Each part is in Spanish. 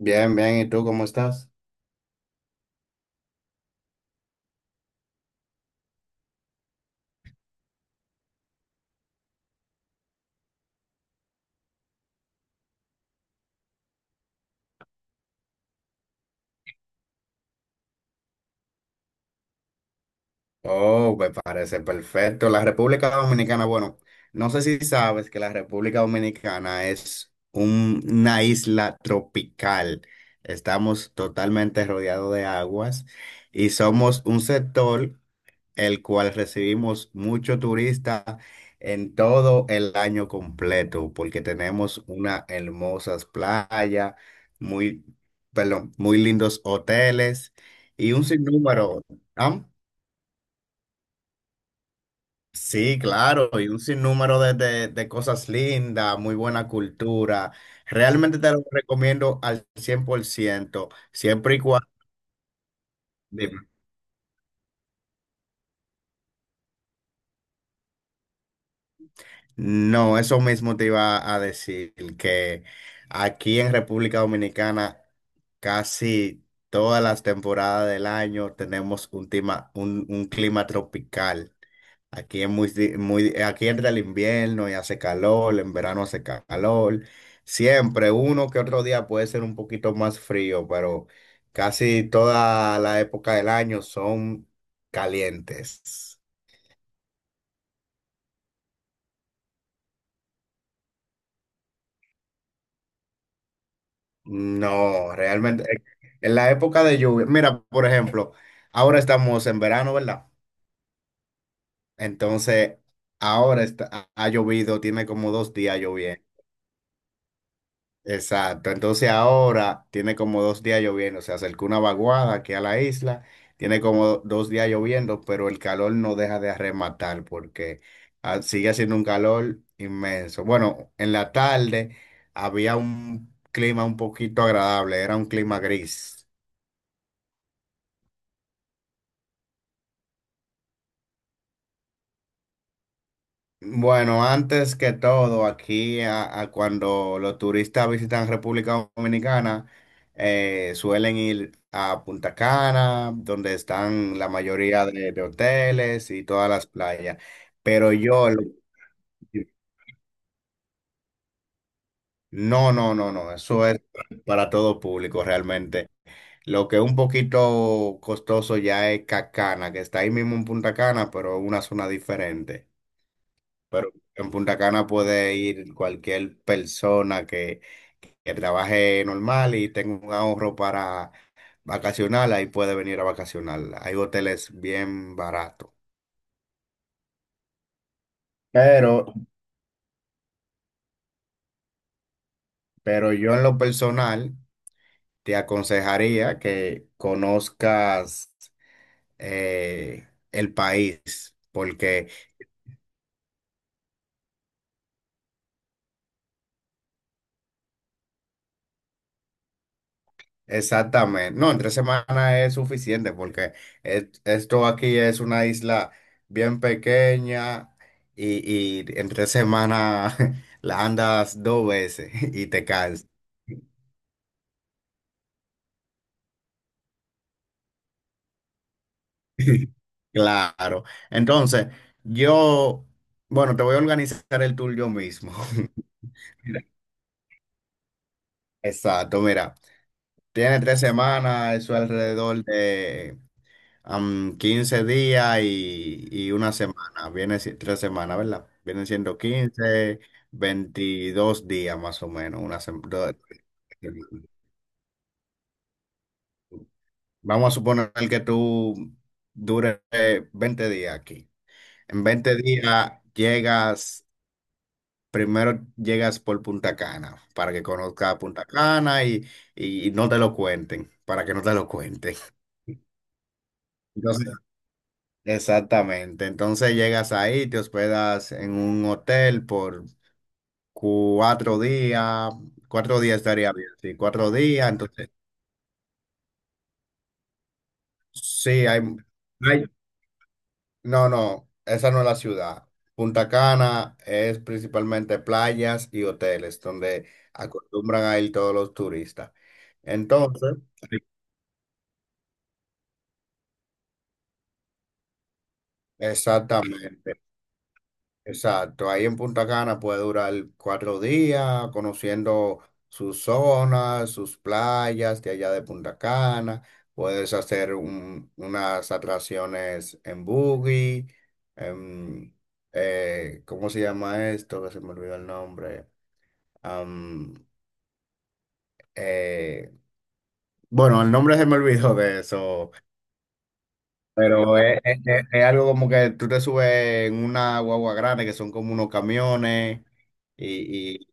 Bien, bien, ¿y tú cómo estás? Oh, me parece perfecto. La República Dominicana, bueno, no sé si sabes que la República Dominicana es una isla tropical. Estamos totalmente rodeados de aguas y somos un sector el cual recibimos mucho turista en todo el año completo, porque tenemos una hermosas playa muy, perdón, muy lindos hoteles y un sinnúmero. ¿Ah? Sí, claro, y un sinnúmero de cosas lindas, muy buena cultura. Realmente te lo recomiendo al 100% siempre y cuando... No, eso mismo te iba a decir, que aquí en República Dominicana casi todas las temporadas del año tenemos un clima, un clima tropical. Aquí es muy, muy, aquí entra el invierno y hace calor, en verano hace calor. Siempre, uno que otro día puede ser un poquito más frío, pero casi toda la época del año son calientes. No, realmente, en la época de lluvia, mira, por ejemplo, ahora estamos en verano, ¿verdad? Entonces, ahora está, ha llovido, tiene como dos días lloviendo. Exacto, entonces ahora tiene como dos días lloviendo, se acercó una vaguada aquí a la isla, tiene como dos días lloviendo, pero el calor no deja de arrematar porque sigue haciendo un calor inmenso. Bueno, en la tarde había un clima un poquito agradable, era un clima gris. Bueno, antes que todo, aquí a cuando los turistas visitan República Dominicana, suelen ir a Punta Cana, donde están la mayoría de hoteles y todas las playas. Pero yo, no, no, no, no, eso es para todo público realmente. Lo que es un poquito costoso ya es Cacana, que está ahí mismo en Punta Cana, pero una zona diferente. Pero en Punta Cana puede ir cualquier persona que trabaje normal y tenga un ahorro para vacacionar, ahí puede venir a vacacionar. Hay hoteles bien baratos. Pero, pero yo en lo personal te aconsejaría que conozcas el país, porque exactamente. No, en tres semanas es suficiente porque esto aquí es una isla bien pequeña y en tres semanas la andas dos veces y te caes. Claro. Entonces, yo, bueno, te voy a organizar el tour yo mismo. Mira, exacto, mira, tiene tres semanas, eso alrededor de 15 días y una mm, semana, viene si- tres semanas, ¿verdad? Vienen siendo 15, 22 días más o menos, una vamos a suponer que tú dures 20 días aquí. En 20 días llegas, primero llegas por Punta Cana, para que conozcas Punta Cana y no te lo cuenten, para que no te lo cuenten. Entonces, exactamente. Entonces llegas ahí, te hospedas en un hotel por cuatro días. Cuatro días estaría bien, sí, cuatro días. Entonces, sí, hay. No, no, esa no es la ciudad. Punta Cana es principalmente playas y hoteles donde acostumbran a ir todos los turistas. Entonces, exactamente. Exacto, ahí en Punta Cana puede durar cuatro días conociendo sus zonas, sus playas de allá de Punta Cana. Puedes hacer unas atracciones en buggy, en, ¿cómo se llama esto? Que se me olvidó el nombre. Am, eh, bueno, el nombre se me olvidó de eso, pero es algo como que tú te subes en una guagua grande que son como unos camiones. Y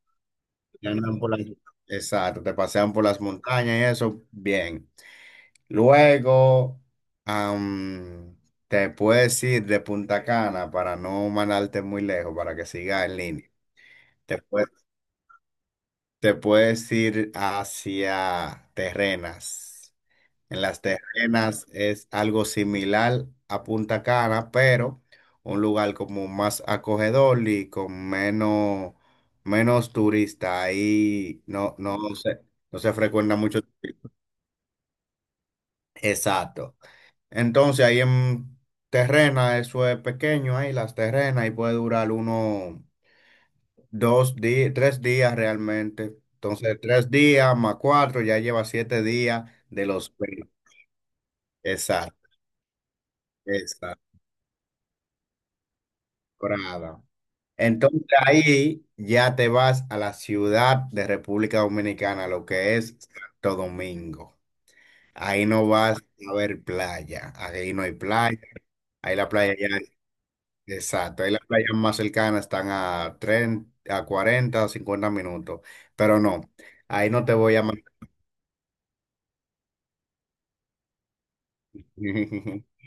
te andan por exacto, te pasean por las montañas y eso, bien. Luego, am, te puedes ir de Punta Cana para no mandarte muy lejos, para que sigas en línea. Te puedes, te puedes ir hacia Terrenas. En las terrenas es algo similar a Punta Cana, pero un lugar como más acogedor y con menos, menos turista. Ahí no se, no se frecuenta mucho. Exacto. Entonces ahí en terrena, eso es pequeño ahí, las terrenas, y puede durar uno, dos días, tres días realmente. Entonces tres días más cuatro, ya lleva siete días de los... veinte. Exacto, exacto. Brava. Entonces ahí ya te vas a la ciudad de República Dominicana, lo que es Santo Domingo. Ahí no vas a ver playa, ahí no hay playa, ahí la playa ya, exacto, ahí las playas más cercanas están a 30, a 40, o 50 minutos, pero no, ahí no te voy a mandar.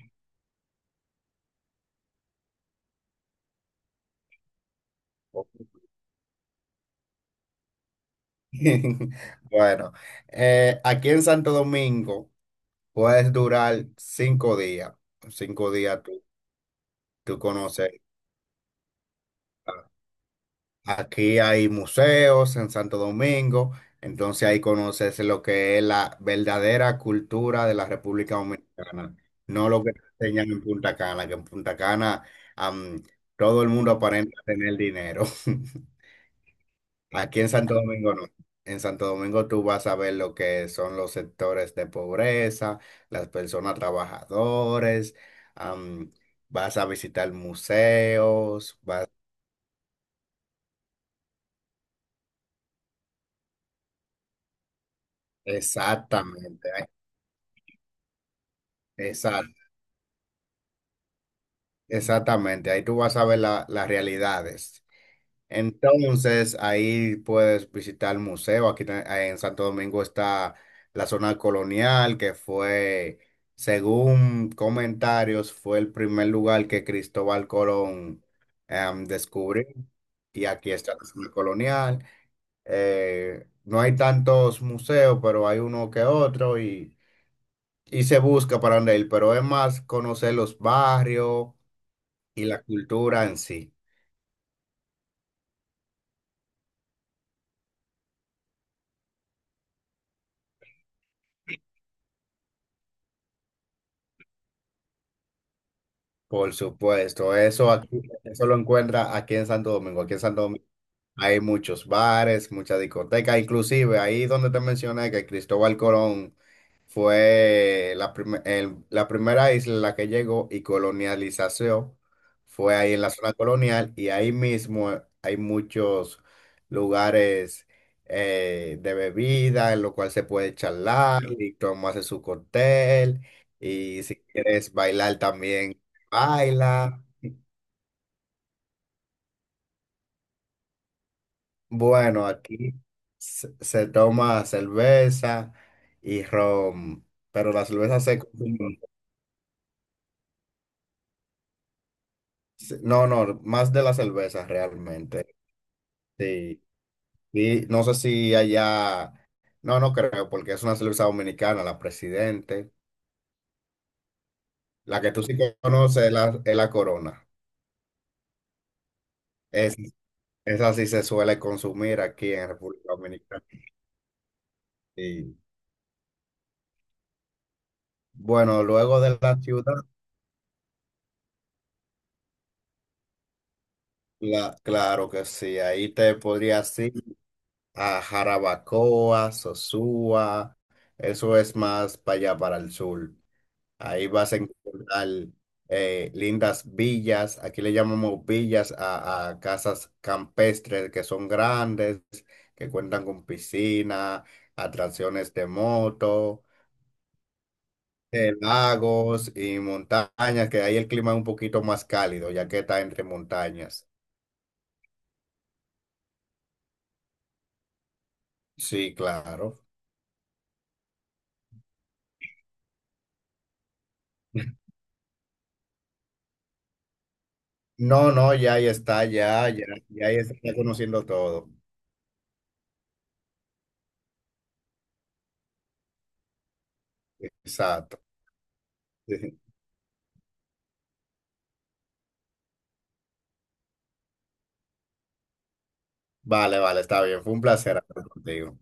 Bueno, aquí en Santo Domingo puedes durar cinco días tú, tú conoces. Aquí hay museos en Santo Domingo, entonces ahí conoces lo que es la verdadera cultura de la República Dominicana, no lo que te enseñan en Punta Cana, que en Punta Cana am, todo el mundo aparenta tener dinero. Aquí en Santo Domingo no. En Santo Domingo tú vas a ver lo que son los sectores de pobreza, las personas trabajadores, am, vas a visitar museos, vas... Exactamente, exacto. Exactamente, ahí tú vas a ver las realidades. Entonces, ahí puedes visitar el museo. Aquí en Santo Domingo está la zona colonial, que fue, según comentarios, fue el primer lugar que Cristóbal Colón descubrió. Y aquí está la zona colonial. No hay tantos museos, pero hay uno que otro y se busca para dónde ir, pero es más conocer los barrios y la cultura en sí. Por supuesto, eso aquí, eso lo encuentra aquí en Santo Domingo. Aquí en Santo Domingo. Hay muchos bares, muchas discotecas, inclusive ahí donde te mencioné que Cristóbal Colón fue la primera isla en la que llegó y colonialización fue ahí en la zona colonial y ahí mismo hay muchos lugares de bebida en lo cual se puede charlar y tomarse su cóctel y si quieres bailar también, baila. Bueno, aquí se toma cerveza y ron, pero la cerveza se consume. No, no, más de la cerveza realmente. Sí. Y no sé si allá, no, no creo, porque es una cerveza dominicana, la Presidente. La que tú sí conoces es la Corona. Es, esa sí se suele consumir aquí en República Dominicana. Y bueno, luego de la ciudad, la, claro que sí, ahí te podría decir. A Jarabacoa, Sosúa, eso es más para allá, para el sur. Ahí vas a encontrar lindas villas, aquí le llamamos villas a casas campestres que son grandes, que cuentan con piscina, atracciones de moto, lagos y montañas, que ahí el clima es un poquito más cálido, ya que está entre montañas. Sí, claro. No, no, ya ahí está, ya, ya, ya ahí está conociendo todo. Exacto. Vale, vale, está bien. Fue un placer hablar contigo.